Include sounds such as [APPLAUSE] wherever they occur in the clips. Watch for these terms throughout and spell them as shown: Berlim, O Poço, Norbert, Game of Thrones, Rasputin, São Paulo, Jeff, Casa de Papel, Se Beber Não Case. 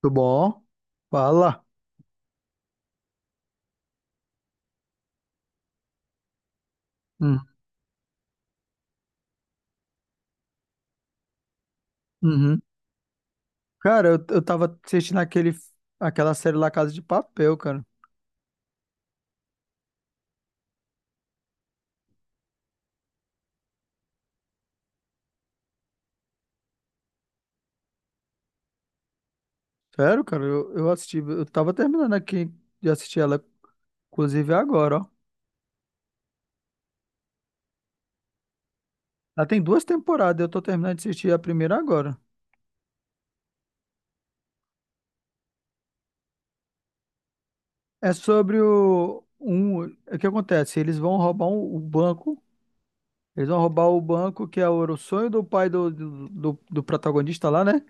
Tudo bom? Fala. Hum, uhum. Cara, eu tava assistindo aquela série lá Casa de Papel, cara. Sério, cara, eu assisti. Eu tava terminando aqui de assistir ela, inclusive agora, ó. Ela tem duas temporadas, eu tô terminando de assistir a primeira agora. É sobre o. O que acontece? Eles vão roubar o banco. Eles vão roubar o banco que é o era o sonho do pai do protagonista lá, né?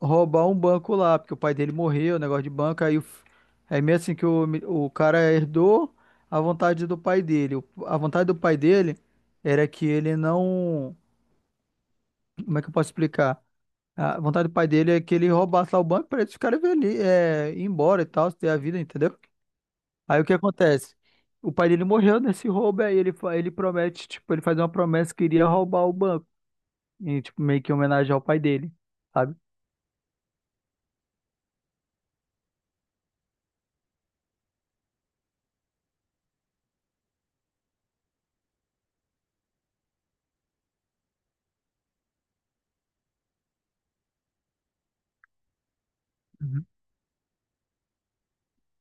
Roubar um banco lá, porque o pai dele morreu, negócio de banco, aí meio assim que o cara herdou a vontade do pai dele. A vontade do pai dele era que ele não, como é que eu posso explicar? A vontade do pai dele é que ele roubasse lá o banco para eles ficarem ali, é, ir embora e tal, ter a vida, entendeu? Aí o que acontece? O pai dele morreu nesse roubo, aí ele promete, tipo, ele faz uma promessa que iria roubar o banco, e, tipo, meio que em homenagem ao pai dele, sabe?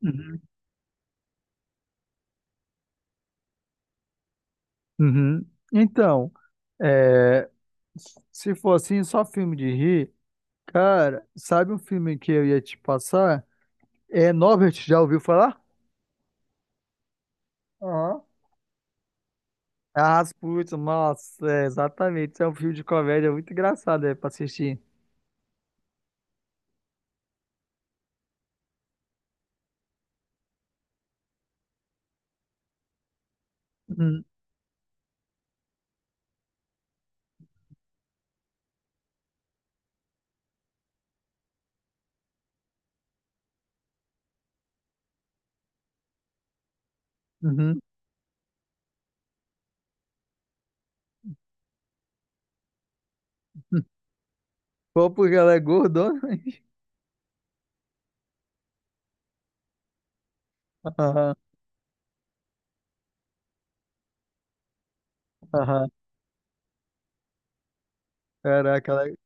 Uhum. Uhum. Então, é, se for assim, só filme de rir, cara, sabe um filme que eu ia te passar? É Norbert, já ouviu falar? Aham. Ah, Rasputin, nossa, é, exatamente. É um filme de comédia muito engraçado, é, pra assistir. Uhum. Uhum. [LAUGHS] Pô, porque ela é gordona. [LAUGHS] Hein? Aham, aham. Caraca,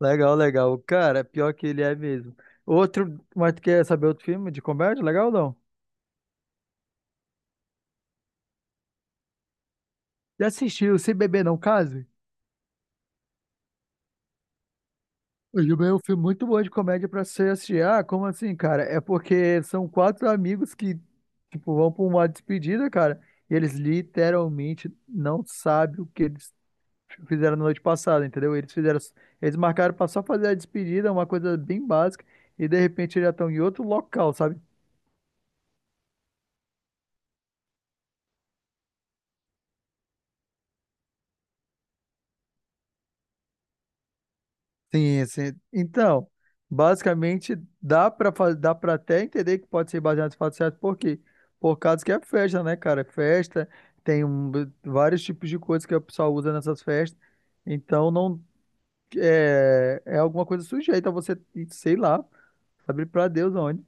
legal, legal. Cara, pior que ele é mesmo. Outro, mas tu quer saber outro filme de comédia? Legal ou não? Já assistiu Se Beber Não Case? O Juba é um filme muito bom de comédia pra você assistir. Ah, como assim, cara? É porque são quatro amigos que, tipo, vão pra uma despedida, cara, e eles literalmente não sabem o que eles fizeram na noite passada, entendeu? Eles marcaram pra só fazer a despedida, uma coisa bem básica, e de repente eles já estão em outro local, sabe? Sim, sim. Então, basicamente, dá para até entender que pode ser baseado em fatos certos, por quê? Por causa que é festa, né, cara? Festa, tem vários tipos de coisas que o pessoal usa nessas festas. Então, não é alguma coisa sujeita a você, sei lá, sabe para Deus onde.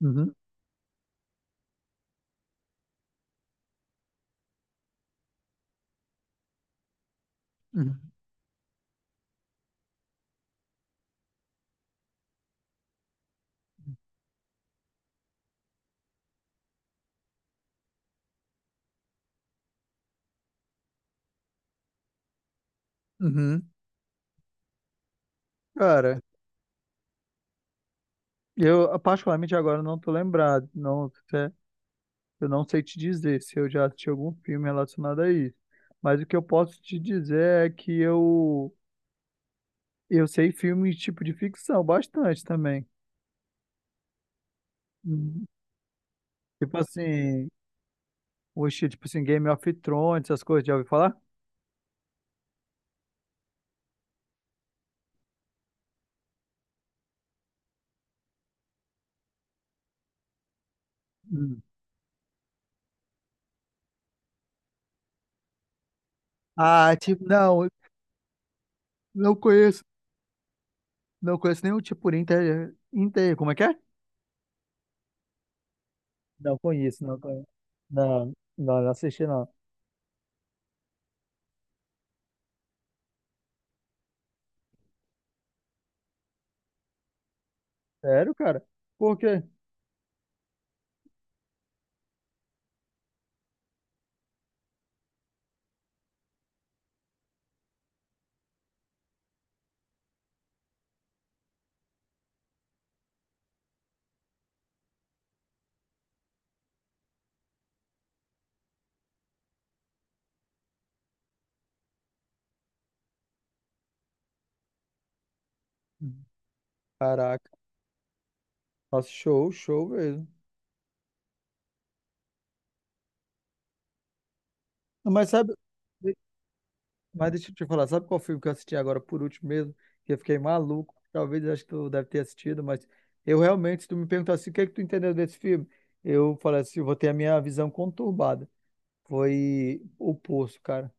Uhum, uhum, uhum. Cara, eu particularmente agora não tô lembrado, não. Eu não sei te dizer se eu já assisti algum filme relacionado a isso, mas o que eu posso te dizer é que eu sei filmes tipo de ficção bastante também. Hum. Tipo assim, Game of Thrones, essas coisas, já ouviu falar? Hum. Ah, tipo, não, eu não conheço, não conheço nenhum tipo por inter, como é que é? Não conheço, não conheço. Não, não, não assisti não. Sério, cara? Por quê? Hum. Caraca, nossa, show, show mesmo. Mas sabe? Mas deixa eu te falar, sabe qual filme que eu assisti agora por último mesmo? Que eu fiquei maluco. Talvez acho que tu deve ter assistido, mas eu realmente, se tu me perguntasse o que é que tu entendeu desse filme, eu falei assim, eu vou ter a minha visão conturbada. Foi O Poço, cara.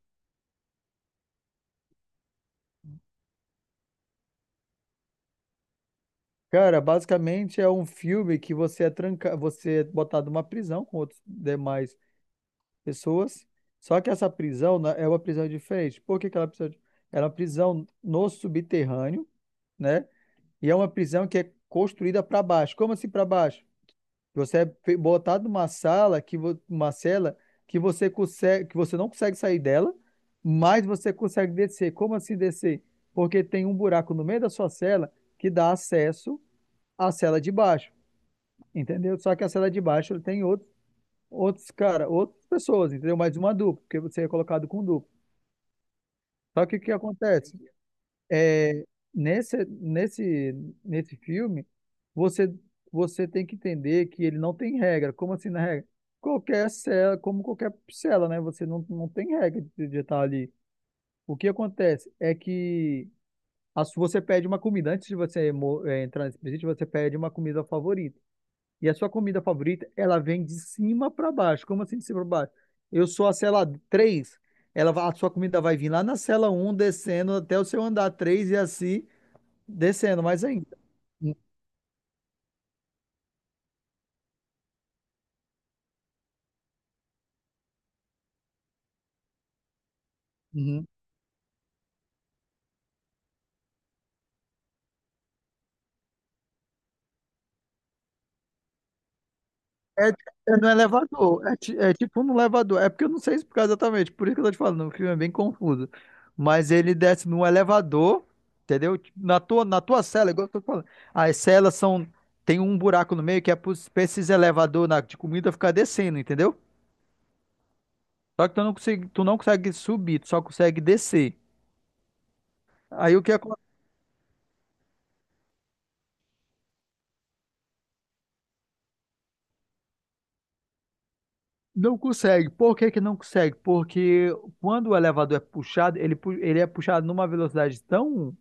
Cara, basicamente é um filme que você é tranca, você é botado numa prisão com outras demais pessoas. Só que essa prisão né, é uma prisão diferente. Por que que ela é uma prisão? Ela é uma prisão no subterrâneo, né? E é uma prisão que é construída para baixo. Como assim para baixo? Você é botado numa sala uma cela que você não consegue sair dela, mas você consegue descer. Como assim descer? Porque tem um buraco no meio da sua cela que dá acesso à cela de baixo, entendeu? Só que a cela de baixo tem outros cara, outras pessoas, entendeu? Mais uma dupla, porque você é colocado com dupla. Só que o que acontece? é, nesse filme, você, você tem que entender que ele não tem regra. Como assim na regra? Qualquer cela, como qualquer cela, né? Você não tem regra de estar ali. O que acontece é que você pede uma comida. Antes de você entrar nesse presídio, você pede uma comida favorita. E a sua comida favorita, ela vem de cima para baixo. Como assim de cima para baixo? Eu sou a cela 3. A sua comida vai vir lá na cela 1 descendo até o seu andar 3 e assim descendo mais ainda. Uhum. É no elevador. É tipo no elevador. É porque eu não sei explicar exatamente. Por isso que eu tô te falando. O filme é bem confuso. Mas ele desce no elevador, entendeu? Tipo, na tua cela, igual eu tô falando. As celas são. Tem um buraco no meio que é pra esses elevador de comida ficar descendo, entendeu? Só que tu não consegue subir, tu só consegue descer. Aí o que acontece? Não consegue. Por que que não consegue? Porque quando o elevador é puxado, ele é puxado numa velocidade tão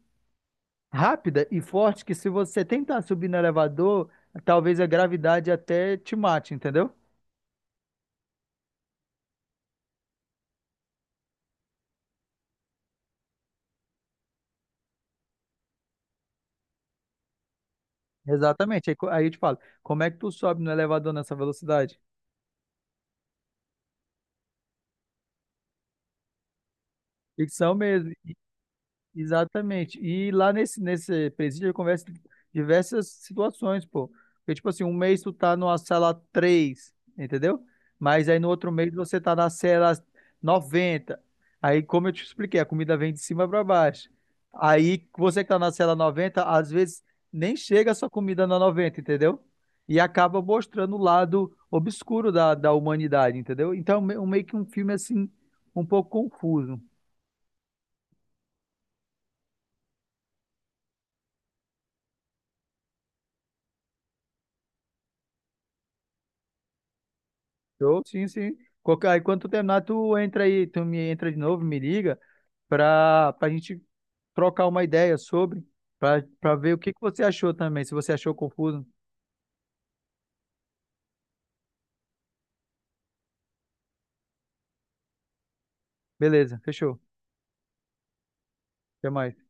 rápida e forte que se você tentar subir no elevador, talvez a gravidade até te mate, entendeu? Exatamente. Aí eu te falo, como é que tu sobe no elevador nessa velocidade? Ficção mesmo. Exatamente. E lá nesse presídio, eu converso diversas situações, pô. Porque, tipo assim, um mês tu tá numa cela 3, entendeu? Mas aí no outro mês você tá na cela 90. Aí, como eu te expliquei, a comida vem de cima pra baixo. Aí, você que tá na cela 90 às vezes nem chega a sua comida na 90, entendeu? E acaba mostrando o lado obscuro da humanidade, entendeu? Então, meio que um filme, assim, um pouco confuso. Show, sim, sim. Aí quando tu terminar, tu entra aí, tu me entra de novo, me liga, pra gente trocar uma ideia sobre, pra ver o que que você achou também, se você achou confuso. Beleza, fechou. Até mais.